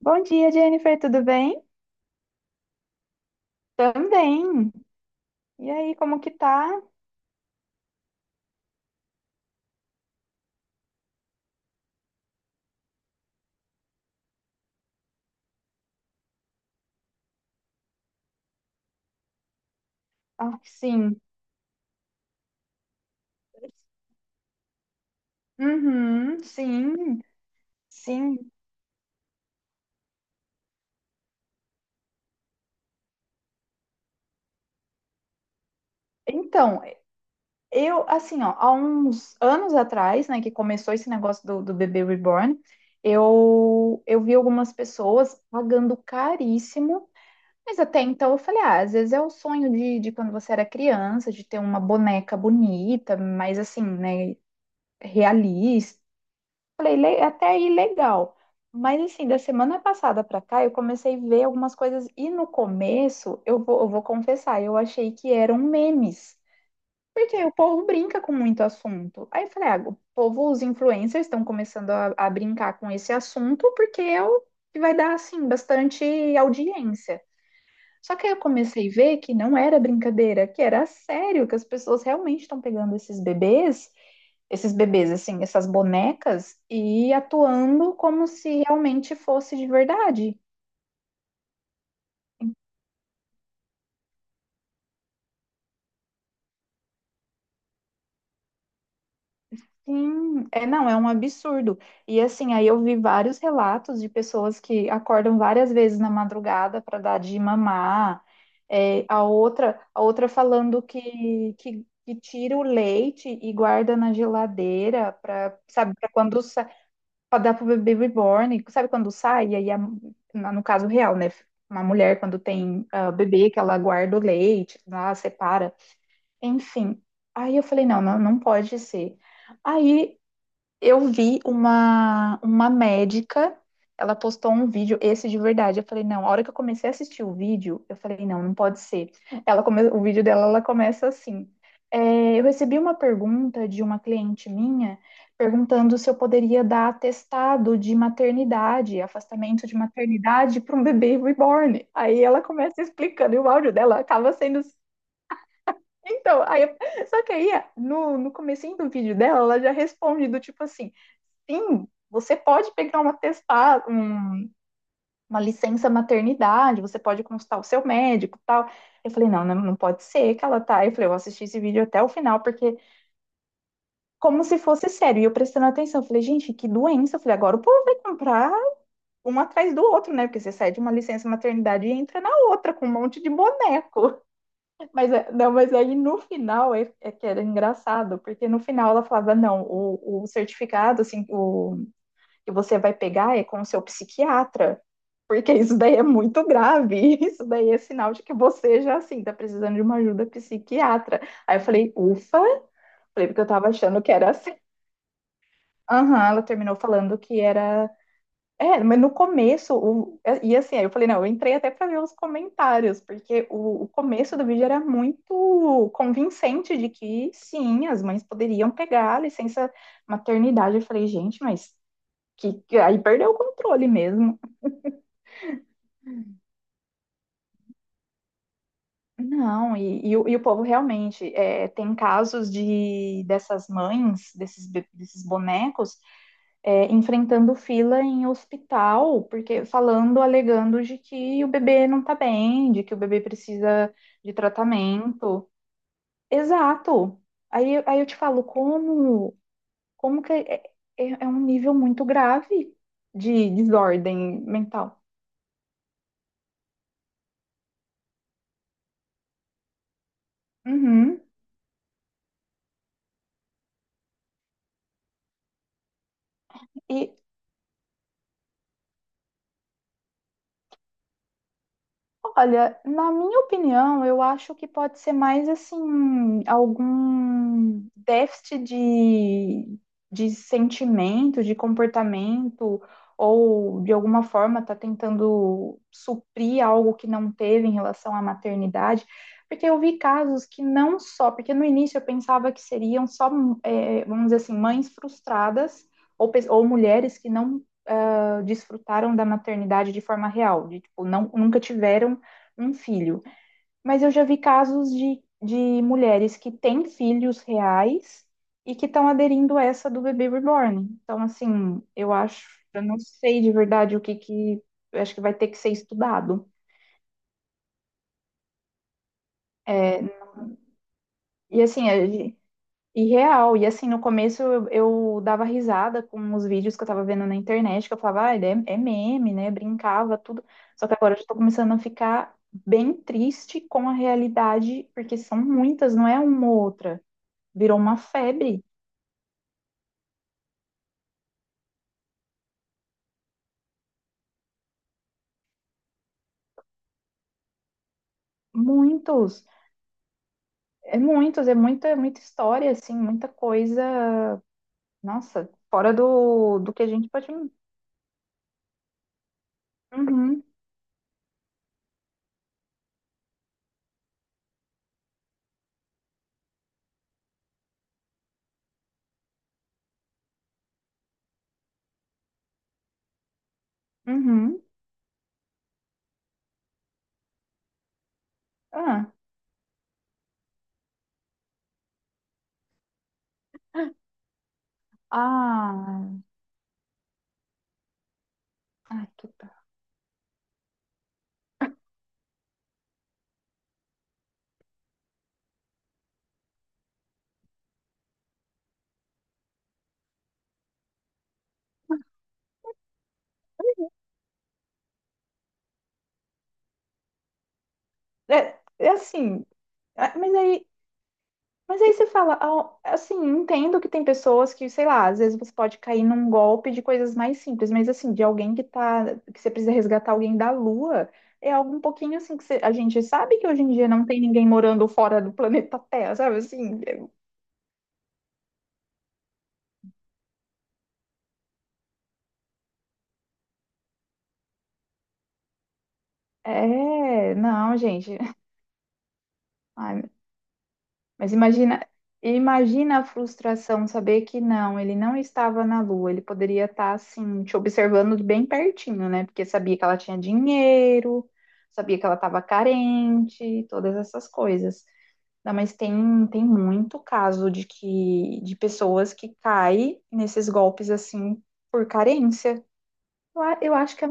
Bom dia, Jennifer, tudo bem? Também. E aí, como que tá? Ah, sim. Uhum, sim, sim. Então, eu, assim, ó, há uns anos atrás, né, que começou esse negócio do bebê reborn, eu vi algumas pessoas pagando caríssimo, mas até então eu falei, ah, às vezes é o sonho de quando você era criança, de ter uma boneca bonita, mas assim, né, realista. Falei, até aí legal." Mas assim, da semana passada pra cá, eu comecei a ver algumas coisas e no começo, eu vou confessar, eu achei que eram memes. Porque o povo brinca com muito assunto. Aí eu falei, ah, o povo, os influencers estão começando a brincar com esse assunto porque é o que vai dar, assim, bastante audiência. Só que aí eu comecei a ver que não era brincadeira, que era sério, que as pessoas realmente estão pegando esses bebês, assim, essas bonecas, e atuando como se realmente fosse de verdade. Sim, é, não, é um absurdo. E assim, aí eu vi vários relatos de pessoas que acordam várias vezes na madrugada para dar de mamar, é, a outra falando que tira o leite e guarda na geladeira para, sabe, para quando pode dar pro bebê reborn, sabe, quando sai, e no caso real, né? Uma mulher, quando tem ah, bebê, que ela guarda o leite, lá, separa, enfim. Aí eu falei, não pode ser. Aí eu vi uma médica, ela postou um vídeo, esse de verdade. Eu falei, não, a hora que eu comecei a assistir o vídeo, eu falei, não pode ser. Ela come, o vídeo dela, ela começa assim: é, eu recebi uma pergunta de uma cliente minha perguntando se eu poderia dar atestado de maternidade, afastamento de maternidade para um bebê reborn. Aí ela começa explicando, e o áudio dela acaba sendo assim. Então, aí, só que aí, no comecinho do vídeo dela, ela já responde do tipo assim, fim, você pode pegar um atestado, um, uma licença maternidade, você pode consultar o seu médico e tal. Eu falei, não pode ser que ela tá. Eu falei, eu assisti esse vídeo até o final, porque como se fosse sério. E eu prestando atenção, eu falei, gente, que doença. Eu falei, agora o povo vai comprar um atrás do outro, né? Porque você sai de uma licença maternidade e entra na outra com um monte de boneco. Mas, é, não, mas aí no final é que era engraçado, porque no final ela falava, não, o certificado, assim, o que você vai pegar é com o seu psiquiatra, porque isso daí é muito grave, isso daí é sinal de que você já, assim, tá precisando de uma ajuda psiquiatra. Aí eu falei, ufa, falei, porque eu tava achando que era assim. Aham, ela terminou falando que era. É, mas no começo, o... e assim, aí eu falei, não, eu entrei até pra ver os comentários, porque o começo do vídeo era muito convincente de que sim, as mães poderiam pegar a licença maternidade. Eu falei, gente, mas aí perdeu o controle mesmo. Não, e o povo realmente é, tem casos de dessas mães, desses bonecos, é, enfrentando fila em hospital, porque falando, alegando de que o bebê não tá bem, de que o bebê precisa de tratamento. Exato. Aí eu te falo, como, como que é, é um nível muito grave de desordem mental. Uhum. E, olha, na minha opinião, eu acho que pode ser mais assim, algum déficit de sentimento, de comportamento, ou de alguma forma tá tentando suprir algo que não teve em relação à maternidade. Porque eu vi casos que não só, porque no início eu pensava que seriam só, vamos dizer assim, mães frustradas ou, ou mulheres que não ah, desfrutaram da maternidade de forma real, de tipo, não, nunca tiveram um filho. Mas eu já vi casos de mulheres que têm filhos reais e que estão aderindo a essa do bebê reborn. Então, assim, eu acho, eu não sei de verdade o que que, eu acho que vai ter que ser estudado. É, e assim, e real, e assim, no começo eu dava risada com os vídeos que eu tava vendo na internet, que eu falava, ah, é, é meme, né? Brincava, tudo. Só que agora eu já tô começando a ficar bem triste com a realidade, porque são muitas, não é uma ou outra. Virou uma febre. Muitos, é muita história, assim, muita coisa, nossa, fora do que a gente pode. Uhum, uhum. Ah, ah, ai, que tá. É, é assim, é, mas aí você fala, ah, assim, entendo que tem pessoas que, sei lá, às vezes você pode cair num golpe de coisas mais simples, mas assim, de alguém que tá, que você precisa resgatar alguém da Lua, é algo um pouquinho assim que a gente sabe que hoje em dia não tem ninguém morando fora do planeta Terra, sabe? Assim, é, é, não, gente. Ai, mas imagina, imagina a frustração saber que não, ele não estava na Lua, ele poderia estar assim, te observando de bem pertinho, né? Porque sabia que ela tinha dinheiro, sabia que ela estava carente, todas essas coisas. Não, mas tem, tem muito caso de que de pessoas que caem nesses golpes assim por carência. Eu acho que é,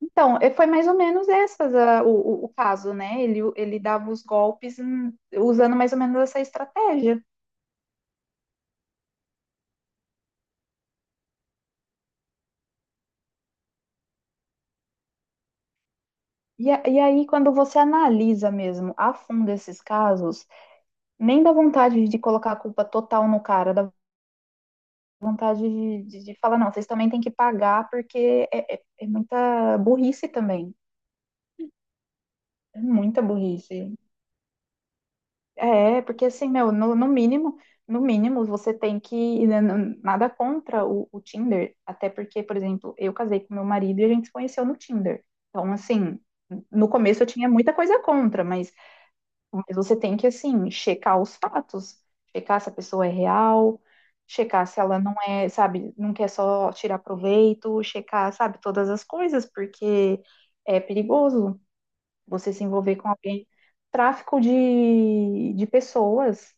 então, foi mais ou menos o caso, né? Ele dava os golpes usando mais ou menos essa estratégia. E, e aí, quando você analisa mesmo a fundo esses casos, nem dá vontade de colocar a culpa total no cara, dá vontade de falar, não, vocês também têm que pagar, porque é muita burrice também. É muita burrice. É, porque assim, meu, no mínimo, no mínimo você tem que, né, nada contra o Tinder, até porque, por exemplo, eu casei com meu marido e a gente se conheceu no Tinder. Então, assim, no começo eu tinha muita coisa contra, mas você tem que, assim, checar os fatos, checar se a pessoa é real, checar se ela não é, sabe, não quer só tirar proveito, checar, sabe, todas as coisas, porque é perigoso. Você se envolver com alguém. Tráfico de pessoas,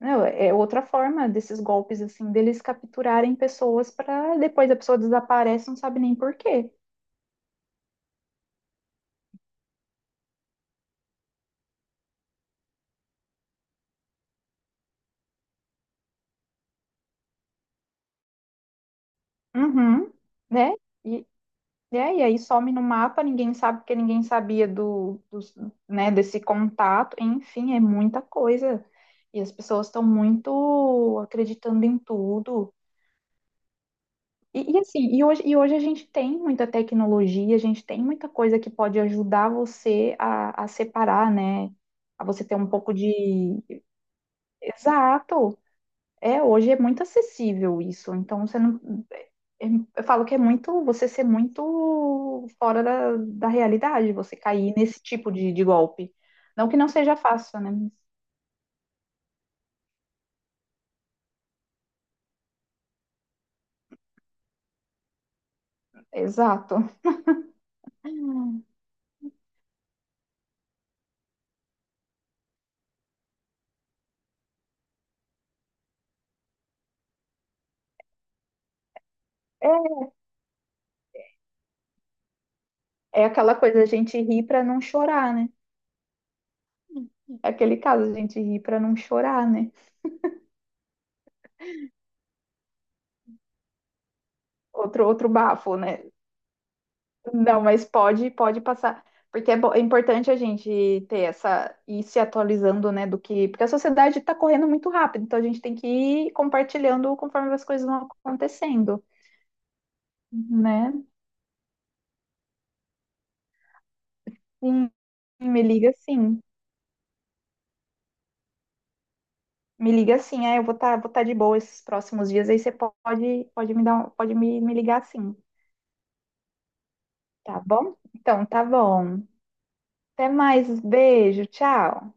né? É outra forma desses golpes, assim, deles capturarem pessoas para depois a pessoa desaparece, não sabe nem por quê. Uhum, né? E, é, e aí some no mapa, ninguém sabe porque ninguém sabia né, desse contato. Enfim, é muita coisa. E as pessoas estão muito acreditando em tudo. E assim, e hoje a gente tem muita tecnologia, a gente tem muita coisa que pode ajudar você a separar, né? A você ter um pouco de. Exato! É, hoje é muito acessível isso. Então, você não. Eu falo que é muito. Você ser muito fora da realidade, você cair nesse tipo de golpe. Não que não seja fácil, né? Exato. É, é aquela coisa, a gente ri pra não chorar, né? É aquele caso, a gente ri pra não chorar, né? Outro, outro bafo, né? Não, mas pode, pode passar. Porque é, é importante a gente ter essa, ir se atualizando, né, do que, porque a sociedade está correndo muito rápido, então a gente tem que ir compartilhando conforme as coisas vão acontecendo, né? Sim, me liga sim. Me liga sim, é, eu vou estar vou tá de boa esses próximos dias, aí você pode, pode me dar, pode me ligar sim, tá bom? Então, tá bom. Até mais, beijo, tchau.